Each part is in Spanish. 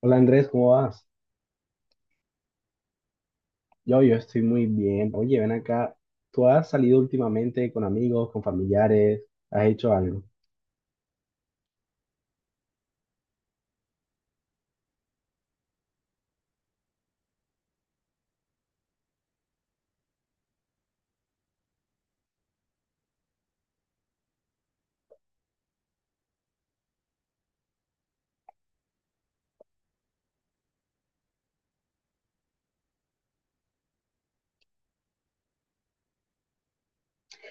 Hola Andrés, ¿cómo vas? Yo estoy muy bien. Oye, ven acá. ¿Tú has salido últimamente con amigos, con familiares? ¿Has hecho algo?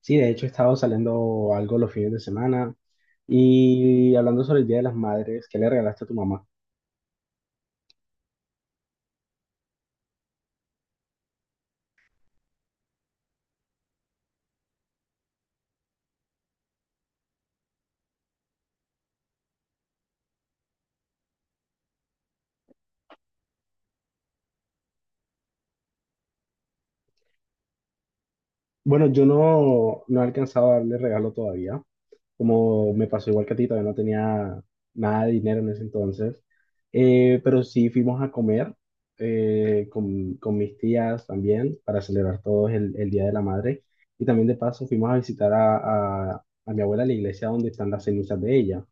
Sí, de hecho he estado saliendo algo los fines de semana y hablando sobre el Día de las Madres, ¿qué le regalaste a tu mamá? Bueno, yo no he alcanzado a darle regalo todavía, como me pasó igual que a ti, todavía no tenía nada de dinero en ese entonces. Pero sí fuimos a comer con mis tías también para celebrar todos el Día de la Madre, y también de paso fuimos a visitar a mi abuela a la iglesia donde están las cenizas de ella.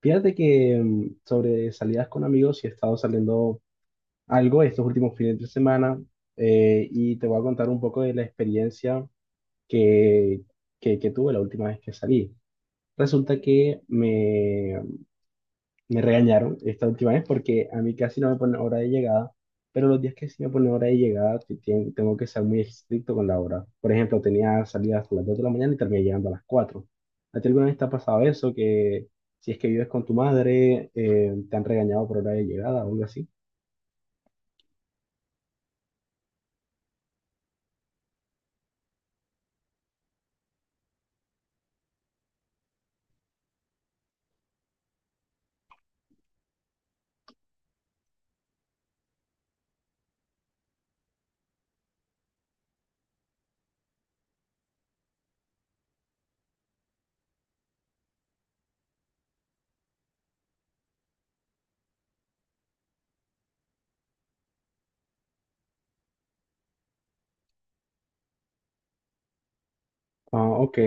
Fíjate que sobre salidas con amigos sí he estado saliendo algo estos últimos fines de semana, y te voy a contar un poco de la experiencia que, que tuve la última vez que salí. Resulta que me regañaron esta última vez porque a mí casi no me pone hora de llegada, pero los días que sí me pone hora de llegada tengo que ser muy estricto con la hora. Por ejemplo, tenía salida a las 2 de la mañana y terminé llegando a las 4. ¿A ti alguna vez te ha pasado eso? Que si es que vives con tu madre, te han regañado por hora de llegada o algo así. Ah, ok.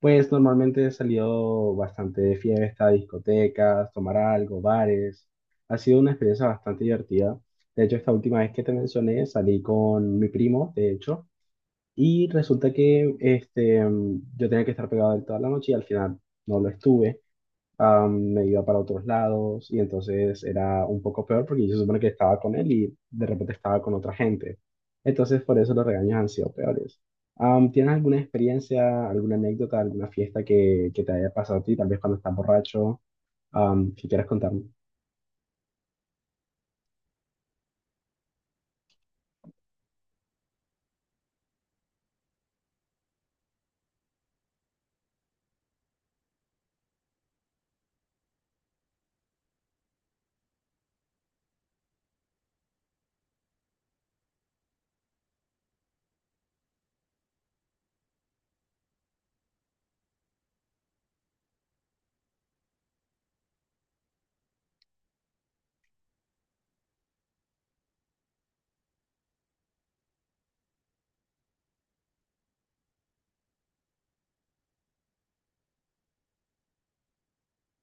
Pues normalmente he salido bastante de fiesta, discotecas, tomar algo, bares. Ha sido una experiencia bastante divertida. De hecho, esta última vez que te mencioné, salí con mi primo, de hecho, y resulta que este, yo tenía que estar pegado a él toda la noche y al final no lo estuve. Me iba para otros lados y entonces era un poco peor porque yo se supone que estaba con él y de repente estaba con otra gente. Entonces por eso los regaños han sido peores. ¿Tienes alguna experiencia, alguna anécdota, alguna fiesta que te haya pasado a ti, tal vez cuando estás borracho, que quieras contarme?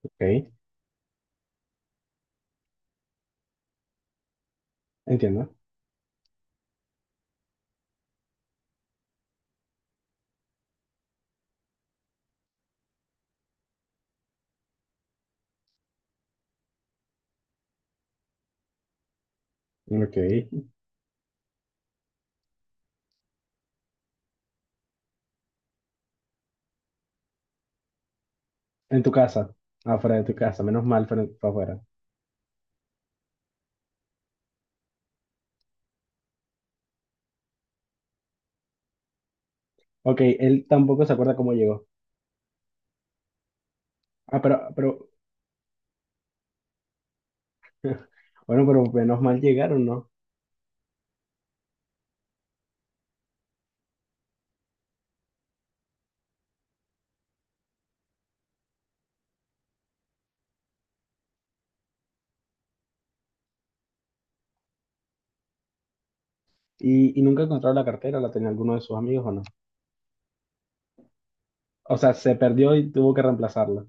Ok, entiendo. Ok, en tu casa, afuera de tu casa, menos mal, fue afuera. Ok, él tampoco se acuerda cómo llegó. Ah, pero, bueno, pero menos mal llegaron, ¿no? Y nunca encontró la cartera, ¿la tenía alguno de sus amigos o no? O sea, se perdió y tuvo que reemplazarla.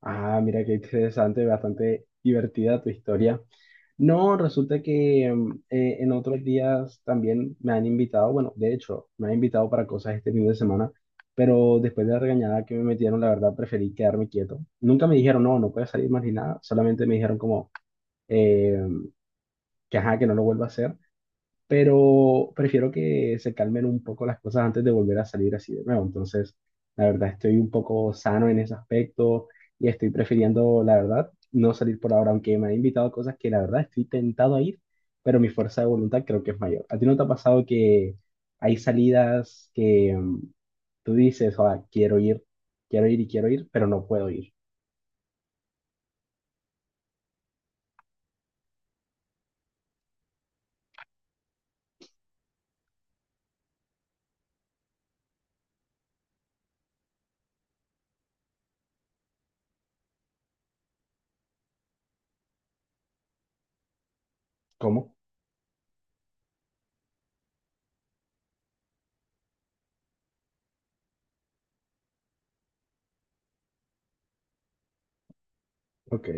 Ah, mira qué interesante, bastante divertida tu historia. No, resulta que en otros días también me han invitado, bueno, de hecho, me han invitado para cosas este fin de semana, pero después de la regañada que me metieron, la verdad preferí quedarme quieto. Nunca me dijeron, no, no puedes salir más ni nada, solamente me dijeron como eh, que ajá, que no lo vuelva a hacer. Pero prefiero que se calmen un poco las cosas antes de volver a salir así de nuevo. Entonces, la verdad, estoy un poco sano en ese aspecto y estoy prefiriendo, la verdad, no salir por ahora, aunque me han invitado a cosas que la verdad estoy tentado a ir, pero mi fuerza de voluntad creo que es mayor. ¿A ti no te ha pasado que hay salidas que tú dices, "Ah, quiero ir y quiero ir, pero no puedo ir"? ¿Cómo? Ok.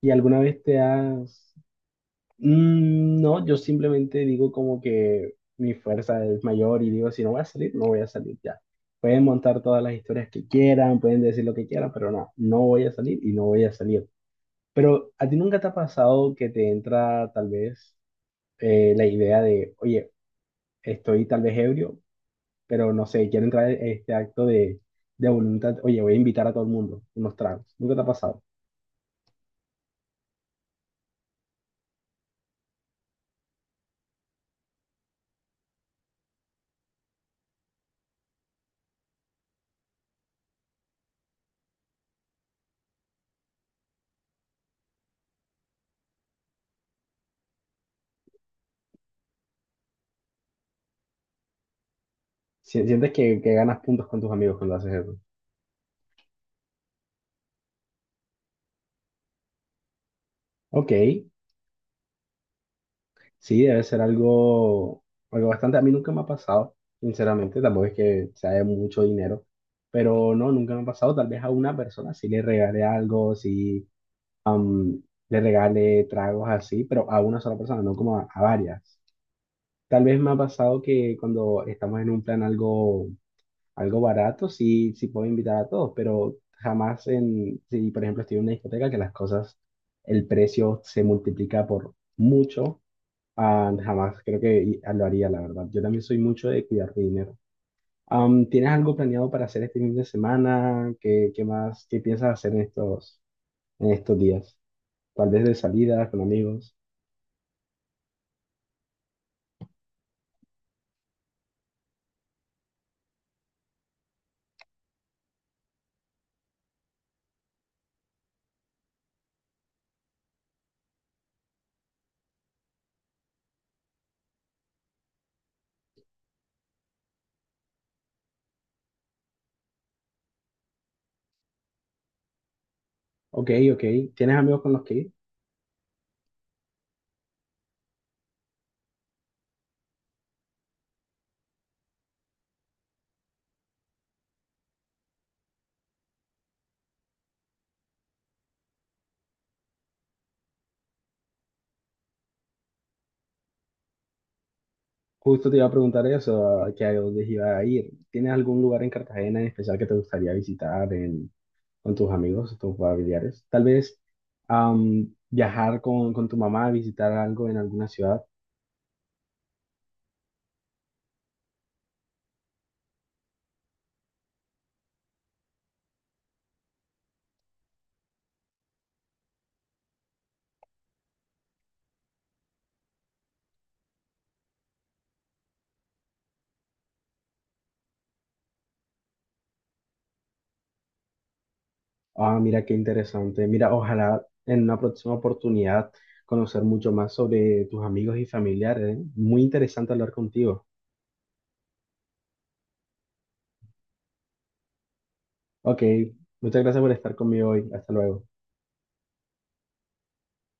¿Y alguna vez te has Mm, no, yo simplemente digo como que mi fuerza es mayor y digo, si no voy a salir, no voy a salir ya. Pueden montar todas las historias que quieran, pueden decir lo que quieran, pero no, no voy a salir y no voy a salir. Pero a ti nunca te ha pasado que te entra tal vez la idea de, oye, estoy tal vez ebrio, pero no sé, quiero entrar en este acto de voluntad, oye, voy a invitar a todo el mundo unos tragos. Nunca te ha pasado. ¿Sientes que ganas puntos con tus amigos cuando haces eso? Ok. Sí, debe ser algo, algo bastante. A mí nunca me ha pasado, sinceramente, tampoco es que sea de mucho dinero, pero no, nunca me ha pasado. Tal vez a una persona sí le regale algo, sí, am, le regale tragos así, pero a una sola persona, no como a varias. Tal vez me ha pasado que cuando estamos en un plan algo, algo barato, sí, sí puedo invitar a todos, pero jamás en, si por ejemplo estoy en una discoteca que las cosas, el precio se multiplica por mucho. Ah, jamás creo que lo haría, la verdad. Yo también soy mucho de cuidar mi dinero. ¿Tienes algo planeado para hacer este fin de semana? ¿Qué, qué más? ¿Qué piensas hacer en estos días? Tal vez de salida, con amigos. Ok, ok. ¿Tienes amigos con los que ir? Justo te iba a preguntar eso, a que a dónde iba a ir. ¿Tienes algún lugar en Cartagena en especial que te gustaría visitar con tus amigos, tus familiares? Tal vez viajar con tu mamá, visitar algo en alguna ciudad. Ah, mira qué interesante. Mira, ojalá en una próxima oportunidad conocer mucho más sobre tus amigos y familiares, ¿eh? Muy interesante hablar contigo. Ok, muchas gracias por estar conmigo hoy. Hasta luego.